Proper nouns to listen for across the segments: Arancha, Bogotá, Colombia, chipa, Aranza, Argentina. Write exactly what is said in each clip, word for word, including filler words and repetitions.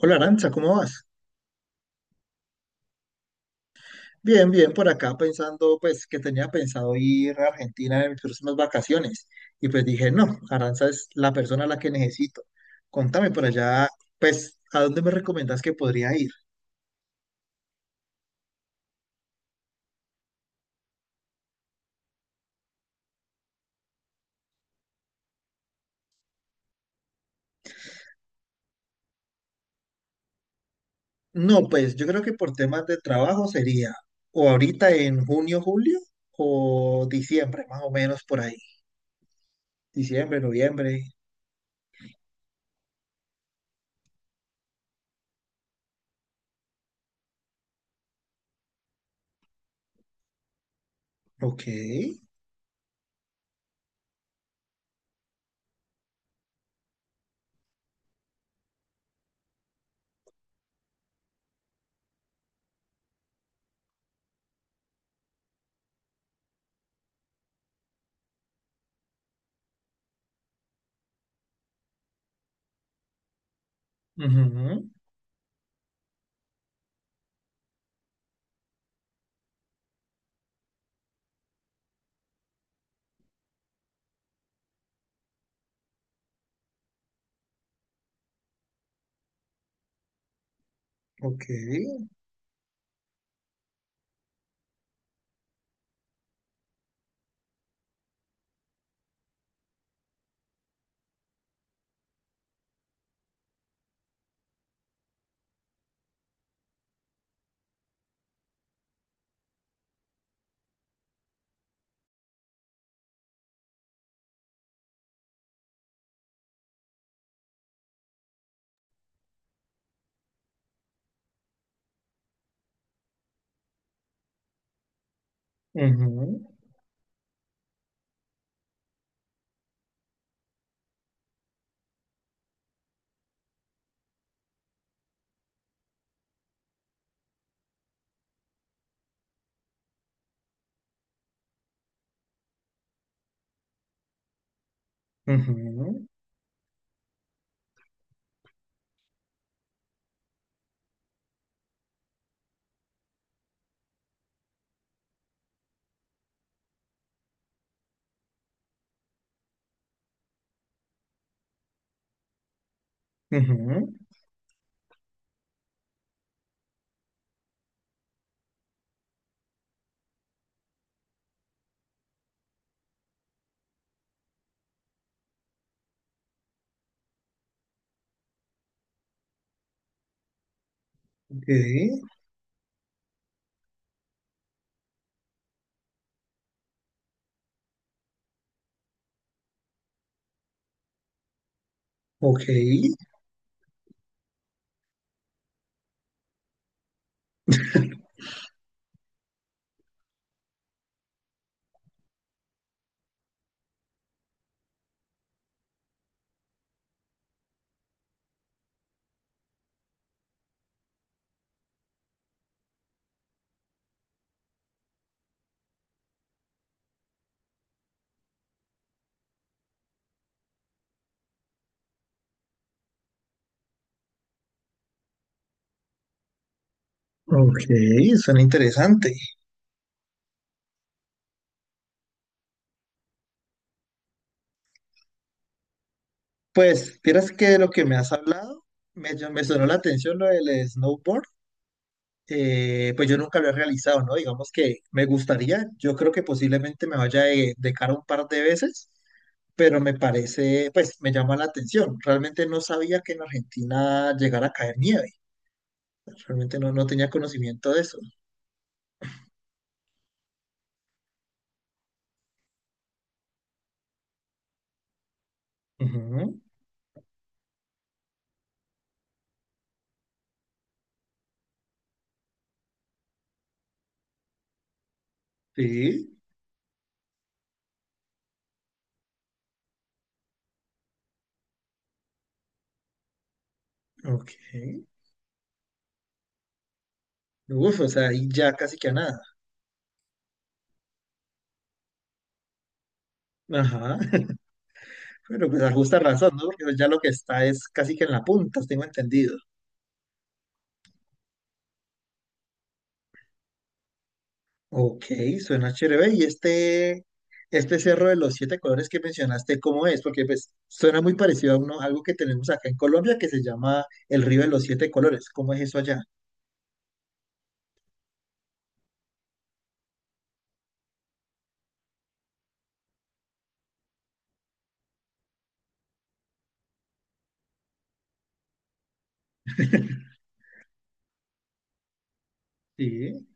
Hola Arancha, ¿cómo vas? Bien, bien, por acá pensando, pues que tenía pensado ir a Argentina en mis próximas vacaciones. Y pues dije, no, Aranza es la persona a la que necesito. Contame por allá, pues, ¿a dónde me recomiendas que podría ir? No, pues yo creo que por temas de trabajo sería o ahorita en junio, julio o diciembre, más o menos por ahí. Diciembre, noviembre. Ok. Ujú. Ok. Ujú, ujú, ujú. Ok. Ok. Ok, suena interesante. Pues, vieras que de lo que me has hablado, me, llam- me sonó la atención lo del snowboard. Eh, pues yo nunca lo he realizado, ¿no? Digamos que me gustaría, yo creo que posiblemente me vaya de, de cara un par de veces, pero me parece, pues me llama la atención. Realmente no sabía que en Argentina llegara a caer nieve. Realmente no, no tenía conocimiento de eso. Ujú. Sí, ok. Uf, o sea, ahí ya casi que a nada. Ajá. Pero pues a justa razón, ¿no? Porque pues ya lo que está es casi que en la punta, tengo entendido. Ok, suena chévere. Y este, este cerro de los siete colores que mencionaste, ¿cómo es? Porque pues suena muy parecido a uno, algo que tenemos acá en Colombia que se llama el río de los siete colores. ¿Cómo es eso allá? Sí.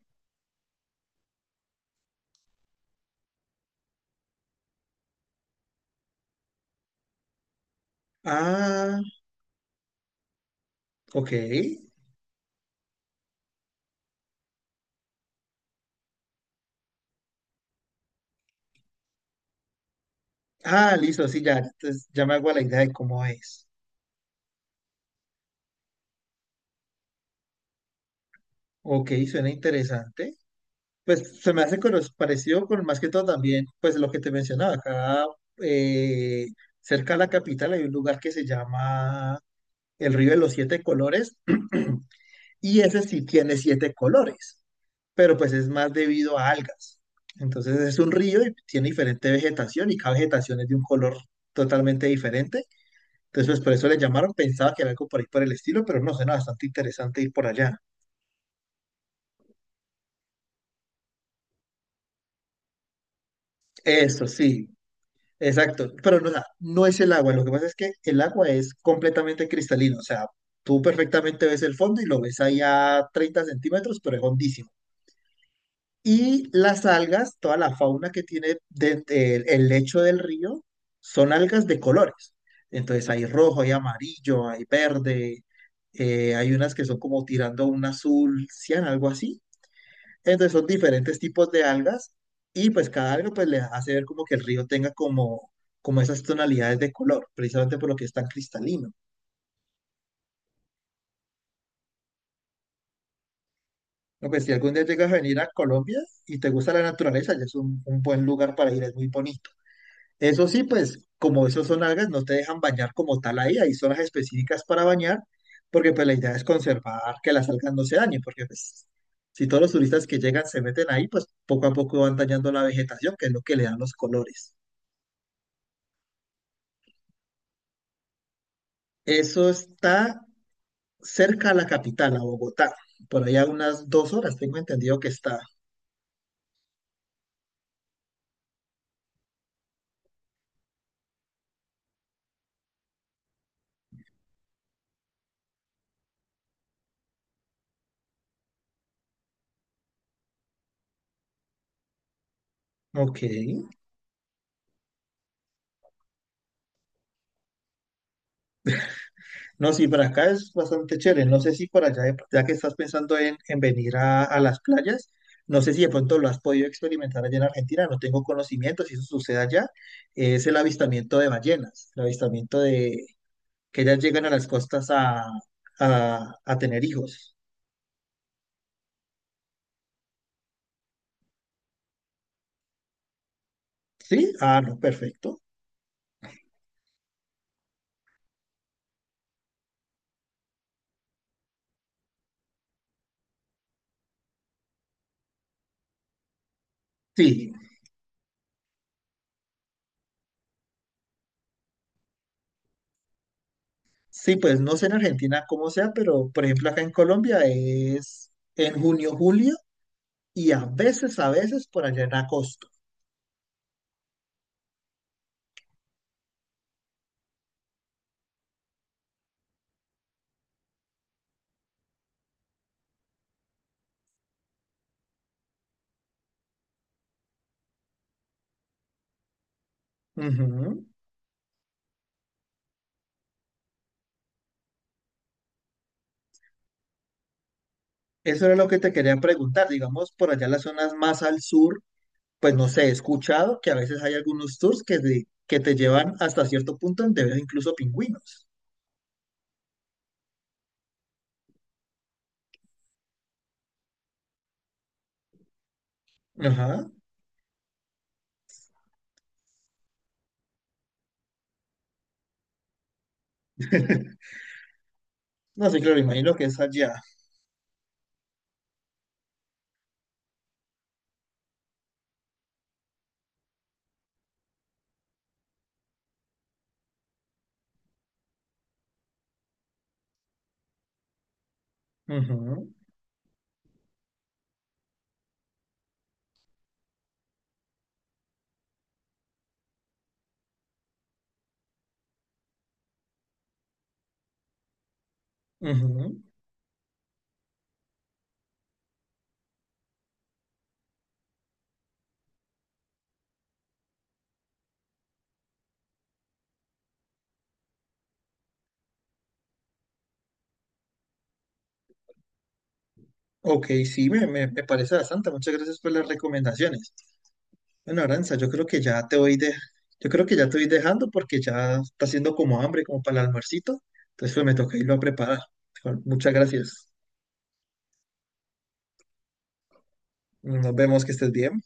Ah, ok. Ah, listo, sí, ya. Entonces ya me hago a la idea de cómo es. Ok, suena interesante. Pues se me hace con los- parecido con más que todo también, pues lo que te mencionaba, acá eh, cerca de la capital hay un lugar que se llama el Río de los Siete Colores y ese sí tiene siete colores, pero pues es más debido a algas. Entonces es un río y tiene diferente vegetación y cada vegetación es de un color totalmente diferente. Entonces pues por eso le llamaron, pensaba que era algo por ahí por el estilo, pero no, suena bastante interesante ir por allá. Eso sí. Exacto, pero no, o sea, no es el agua, lo que pasa es que el agua es completamente cristalino, o sea, tú perfectamente ves el fondo y lo ves ahí a treinta centímetros, pero es hondísimo. Y las algas, toda la fauna que tiene de- de- el lecho del río, son algas de colores. Entonces hay rojo, hay amarillo, hay verde, eh, hay unas que son como tirando a un azul cian, algo así. Entonces son diferentes tipos de algas y pues cada alga pues le hace ver como que el río tenga como, como esas tonalidades de color, precisamente por lo que es tan cristalino. No, pues si algún día llegas a venir a Colombia y te gusta la naturaleza, ya es un, un buen lugar para ir, es muy bonito. Eso sí, pues como esos son algas, no te dejan bañar como tal ahí, hay zonas específicas para bañar, porque pues la idea es conservar que las algas no se dañen, porque pues si todos los turistas que llegan se meten ahí, pues poco a poco van dañando la vegetación, que es lo que le dan los colores. Eso está cerca a la capital, a Bogotá. Por allá unas dos horas, tengo entendido que está. Ok. No, sí, para acá es bastante chévere. No sé si por allá, de- ya que estás pensando en, en venir a, a las playas, no sé si de pronto lo has podido experimentar allá en Argentina. No tengo conocimiento si eso sucede allá. Es el avistamiento de ballenas, el avistamiento de que ellas llegan a las costas a, a, a tener hijos. ¿Sí? Ah, no, perfecto. Sí. Sí, pues no sé en Argentina cómo sea, pero por ejemplo acá en Colombia es en junio, julio y a veces, a veces por allá en agosto. Ujú. Eso era lo que te quería preguntar. Digamos, por allá las zonas más al sur, pues no sé, he escuchado que a veces hay algunos tours que te, que te llevan hasta cierto punto donde ves incluso pingüinos. Ajá. No sé, claro, imagino que es allá. Ujú, ujú. Ok, sí, me, me me parece bastante. Muchas gracias por las recomendaciones. Bueno, Aranza, yo creo que ya te voy de, yo creo que ya te voy dejando porque ya está haciendo como hambre, como para el almuercito. Entonces, pues me toca irlo a preparar. Muchas gracias. Nos vemos, que estés bien.